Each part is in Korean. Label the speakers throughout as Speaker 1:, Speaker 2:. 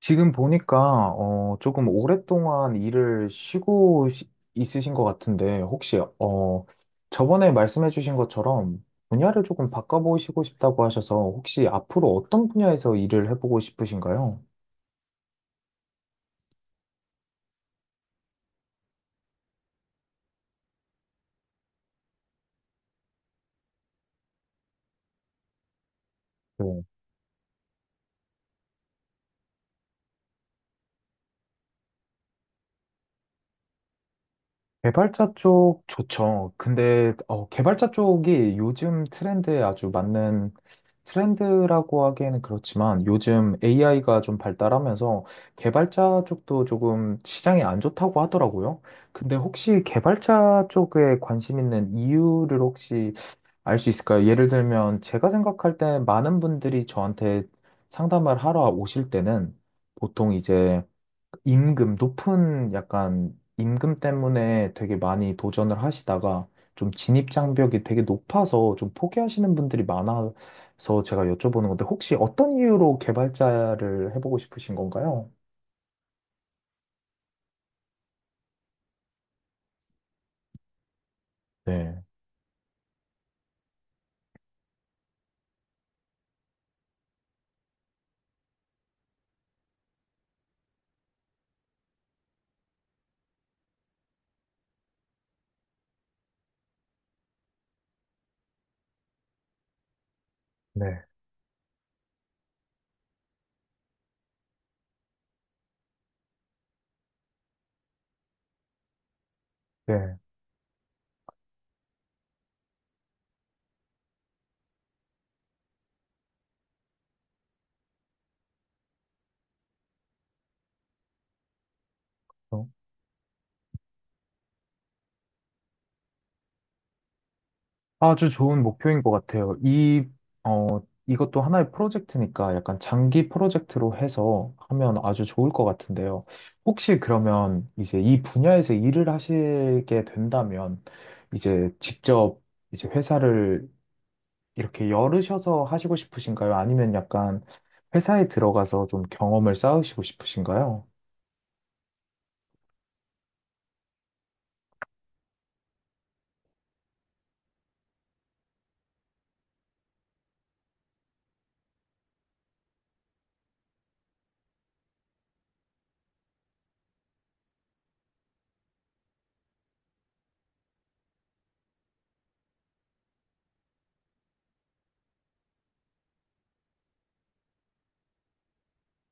Speaker 1: 지금 보니까 조금 오랫동안 일을 쉬고 있으신 것 같은데 혹시 저번에 말씀해주신 것처럼 분야를 조금 바꿔보시고 싶다고 하셔서 혹시 앞으로 어떤 분야에서 일을 해보고 싶으신가요? 뭐, 개발자 쪽 좋죠. 근데 개발자 쪽이 요즘 트렌드에 아주 맞는 트렌드라고 하기에는 그렇지만 요즘 AI가 좀 발달하면서 개발자 쪽도 조금 시장이 안 좋다고 하더라고요. 근데 혹시 개발자 쪽에 관심 있는 이유를 혹시 알 수 있을까요? 예를 들면 제가 생각할 때 많은 분들이 저한테 상담을 하러 오실 때는 보통 이제 임금, 높은 약간 임금 때문에 되게 많이 도전을 하시다가 좀 진입 장벽이 되게 높아서 좀 포기하시는 분들이 많아서 제가 여쭤보는 건데 혹시 어떤 이유로 개발자를 해보고 싶으신 건가요? 네. 네. 네. 아주 좋은 목표인 것 같아요. 어, 이것도 하나의 프로젝트니까 약간 장기 프로젝트로 해서 하면 아주 좋을 것 같은데요. 혹시 그러면 이제 이 분야에서 일을 하시게 된다면 이제 직접 이제 회사를 이렇게 열으셔서 하시고 싶으신가요? 아니면 약간 회사에 들어가서 좀 경험을 쌓으시고 싶으신가요?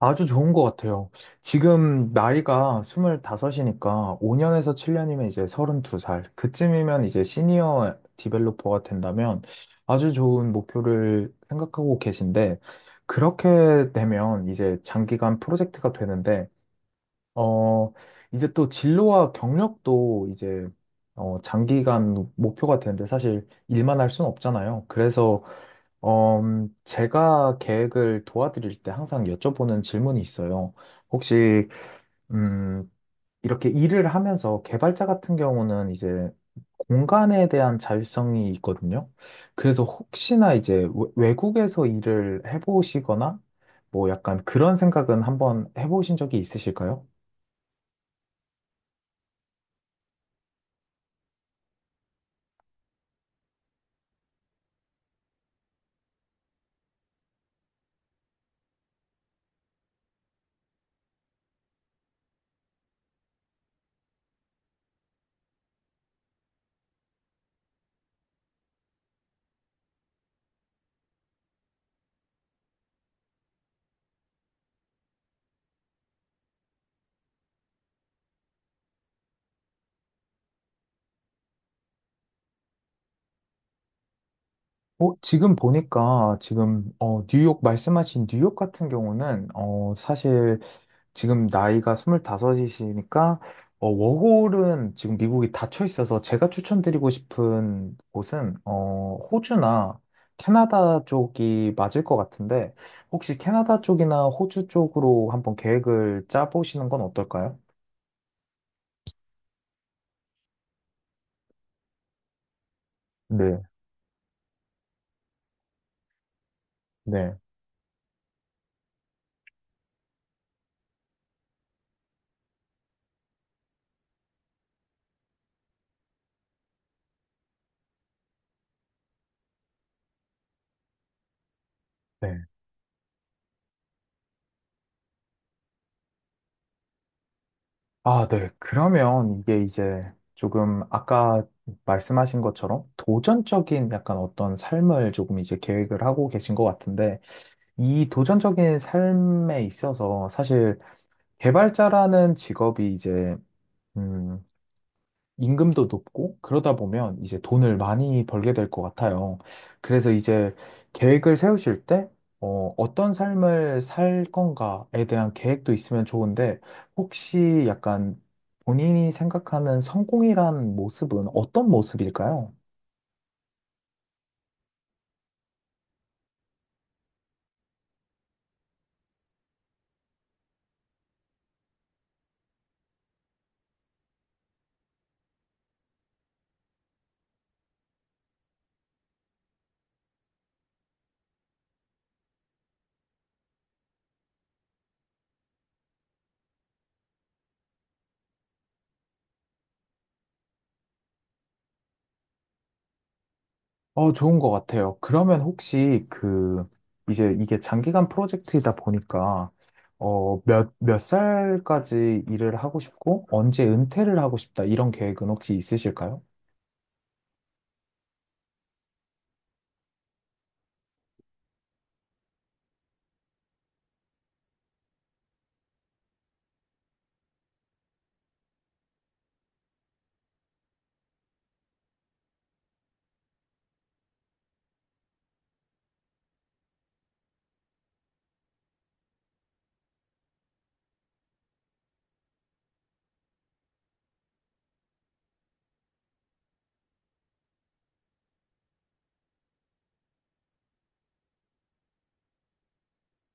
Speaker 1: 아주 좋은 것 같아요. 지금 나이가 25이니까 5년에서 7년이면 이제 32살. 그쯤이면 이제 시니어 디벨로퍼가 된다면 아주 좋은 목표를 생각하고 계신데, 그렇게 되면 이제 장기간 프로젝트가 되는데, 어, 이제 또 진로와 경력도 이제, 장기간 목표가 되는데 사실 일만 할 수는 없잖아요. 그래서 제가 계획을 도와드릴 때 항상 여쭤보는 질문이 있어요. 혹시, 음, 이렇게 일을 하면서 개발자 같은 경우는 이제 공간에 대한 자율성이 있거든요. 그래서 혹시나 이제 외국에서 일을 해보시거나 뭐 약간 그런 생각은 한번 해보신 적이 있으실까요? 지금 보니까 지금 뉴욕 말씀하신 뉴욕 같은 경우는 사실 지금 나이가 스물다섯이시니까 워홀은 지금 미국이 닫혀 있어서 제가 추천드리고 싶은 곳은, 호주나 캐나다 쪽이 맞을 것 같은데, 혹시 캐나다 쪽이나 호주 쪽으로 한번 계획을 짜보시는 건 어떨까요? 네, 네, 네. 아, 네. 그러면 이게 이제 조금 아까 말씀하신 것처럼 도전적인 약간 어떤 삶을 조금 이제 계획을 하고 계신 것 같은데, 이 도전적인 삶에 있어서 사실 개발자라는 직업이 이제, 음, 임금도 높고 그러다 보면 이제 돈을 많이 벌게 될 것 같아요. 그래서 이제 계획을 세우실 때, 어떤 삶을 살 건가에 대한 계획도 있으면 좋은데, 혹시 약간 본인이 생각하는 성공이란 모습은 어떤 모습일까요? 좋은 것 같아요. 그러면 혹시 그, 이제 이게 장기간 프로젝트이다 보니까, 몇 살까지 일을 하고 싶고, 언제 은퇴를 하고 싶다, 이런 계획은 혹시 있으실까요?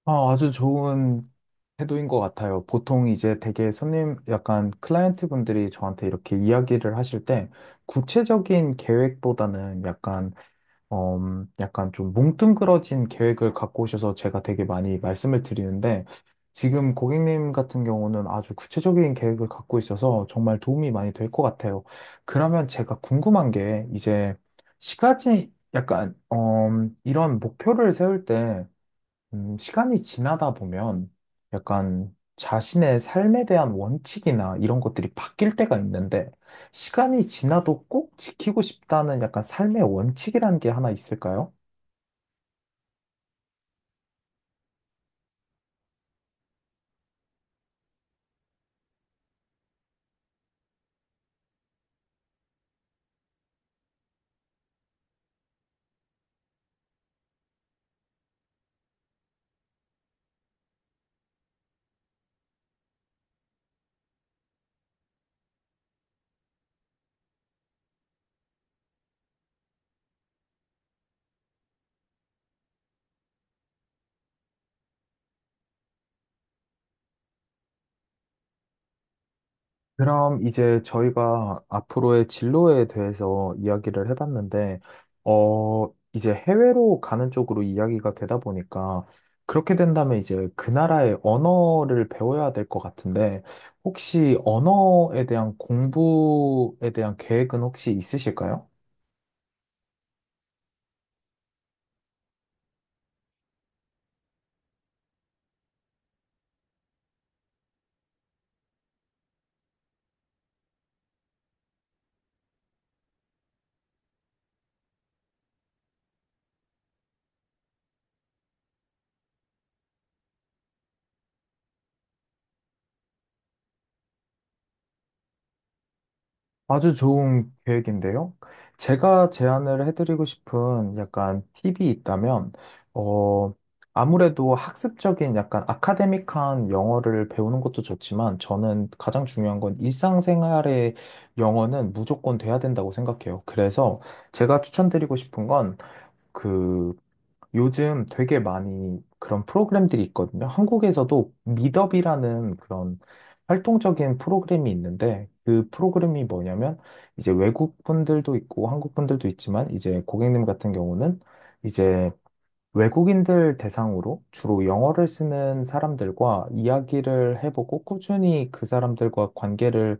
Speaker 1: 아, 아주 좋은 태도인 것 같아요. 보통 이제 되게 손님, 약간 클라이언트 분들이 저한테 이렇게 이야기를 하실 때, 구체적인 계획보다는 어, 약간 좀 뭉뚱그러진 계획을 갖고 오셔서 제가 되게 많이 말씀을 드리는데, 지금 고객님 같은 경우는 아주 구체적인 계획을 갖고 있어서 정말 도움이 많이 될 것 같아요. 그러면 제가 궁금한 게, 이제, 시가지, 약간, 이런 목표를 세울 때, 시간이 지나다 보면 약간 자신의 삶에 대한 원칙이나 이런 것들이 바뀔 때가 있는데 시간이 지나도 꼭 지키고 싶다는 약간 삶의 원칙이라는 게 하나 있을까요? 그럼 이제 저희가 앞으로의 진로에 대해서 이야기를 해봤는데, 어, 이제 해외로 가는 쪽으로 이야기가 되다 보니까, 그렇게 된다면 이제 그 나라의 언어를 배워야 될 것 같은데, 혹시 언어에 대한 공부에 대한 계획은 혹시 있으실까요? 아주 좋은 계획인데요. 제가 제안을 해드리고 싶은 약간 팁이 있다면, 어, 아무래도 학습적인 약간 아카데믹한 영어를 배우는 것도 좋지만, 저는 가장 중요한 건 일상생활의 영어는 무조건 돼야 된다고 생각해요. 그래서 제가 추천드리고 싶은 건, 그, 요즘 되게 많이 그런 프로그램들이 있거든요. 한국에서도 미더비라는 그런 활동적인 프로그램이 있는데 그 프로그램이 뭐냐면 이제 외국 분들도 있고 한국 분들도 있지만 이제 고객님 같은 경우는 이제 외국인들 대상으로 주로 영어를 쓰는 사람들과 이야기를 해보고 꾸준히 그 사람들과 관계를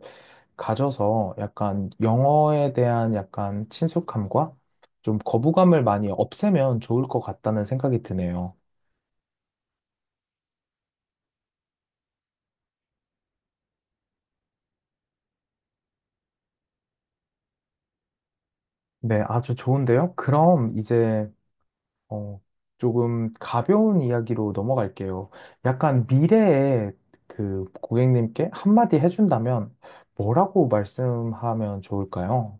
Speaker 1: 가져서 약간 영어에 대한 약간 친숙함과 좀 거부감을 많이 없애면 좋을 것 같다는 생각이 드네요. 네, 아주 좋은데요. 그럼 이제 어, 조금 가벼운 이야기로 넘어갈게요. 약간 미래에 그 고객님께 한마디 해준다면 뭐라고 말씀하면 좋을까요?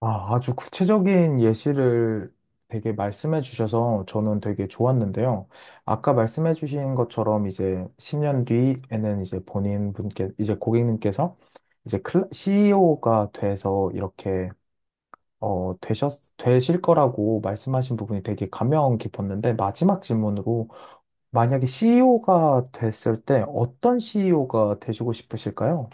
Speaker 1: 아, 아주 구체적인 예시를 되게 말씀해 주셔서 저는 되게 좋았는데요. 아까 말씀해 주신 것처럼 이제 10년 뒤에는 이제 본인 분께, 이제 고객님께서 이제 CEO가 돼서 이렇게, 되실 거라고 말씀하신 부분이 되게 감명 깊었는데 마지막 질문으로 만약에 CEO가 됐을 때 어떤 CEO가 되시고 싶으실까요?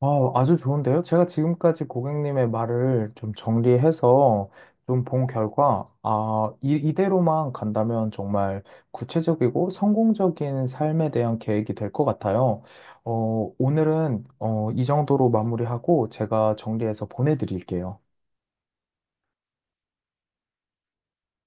Speaker 1: 아, 아주 좋은데요? 제가 지금까지 고객님의 말을 좀 정리해서 좀 본 결과, 아, 이, 이대로만 간다면 정말 구체적이고 성공적인 삶에 대한 계획이 될 것 같아요. 오늘은 이 정도로 마무리하고 제가 정리해서 보내드릴게요.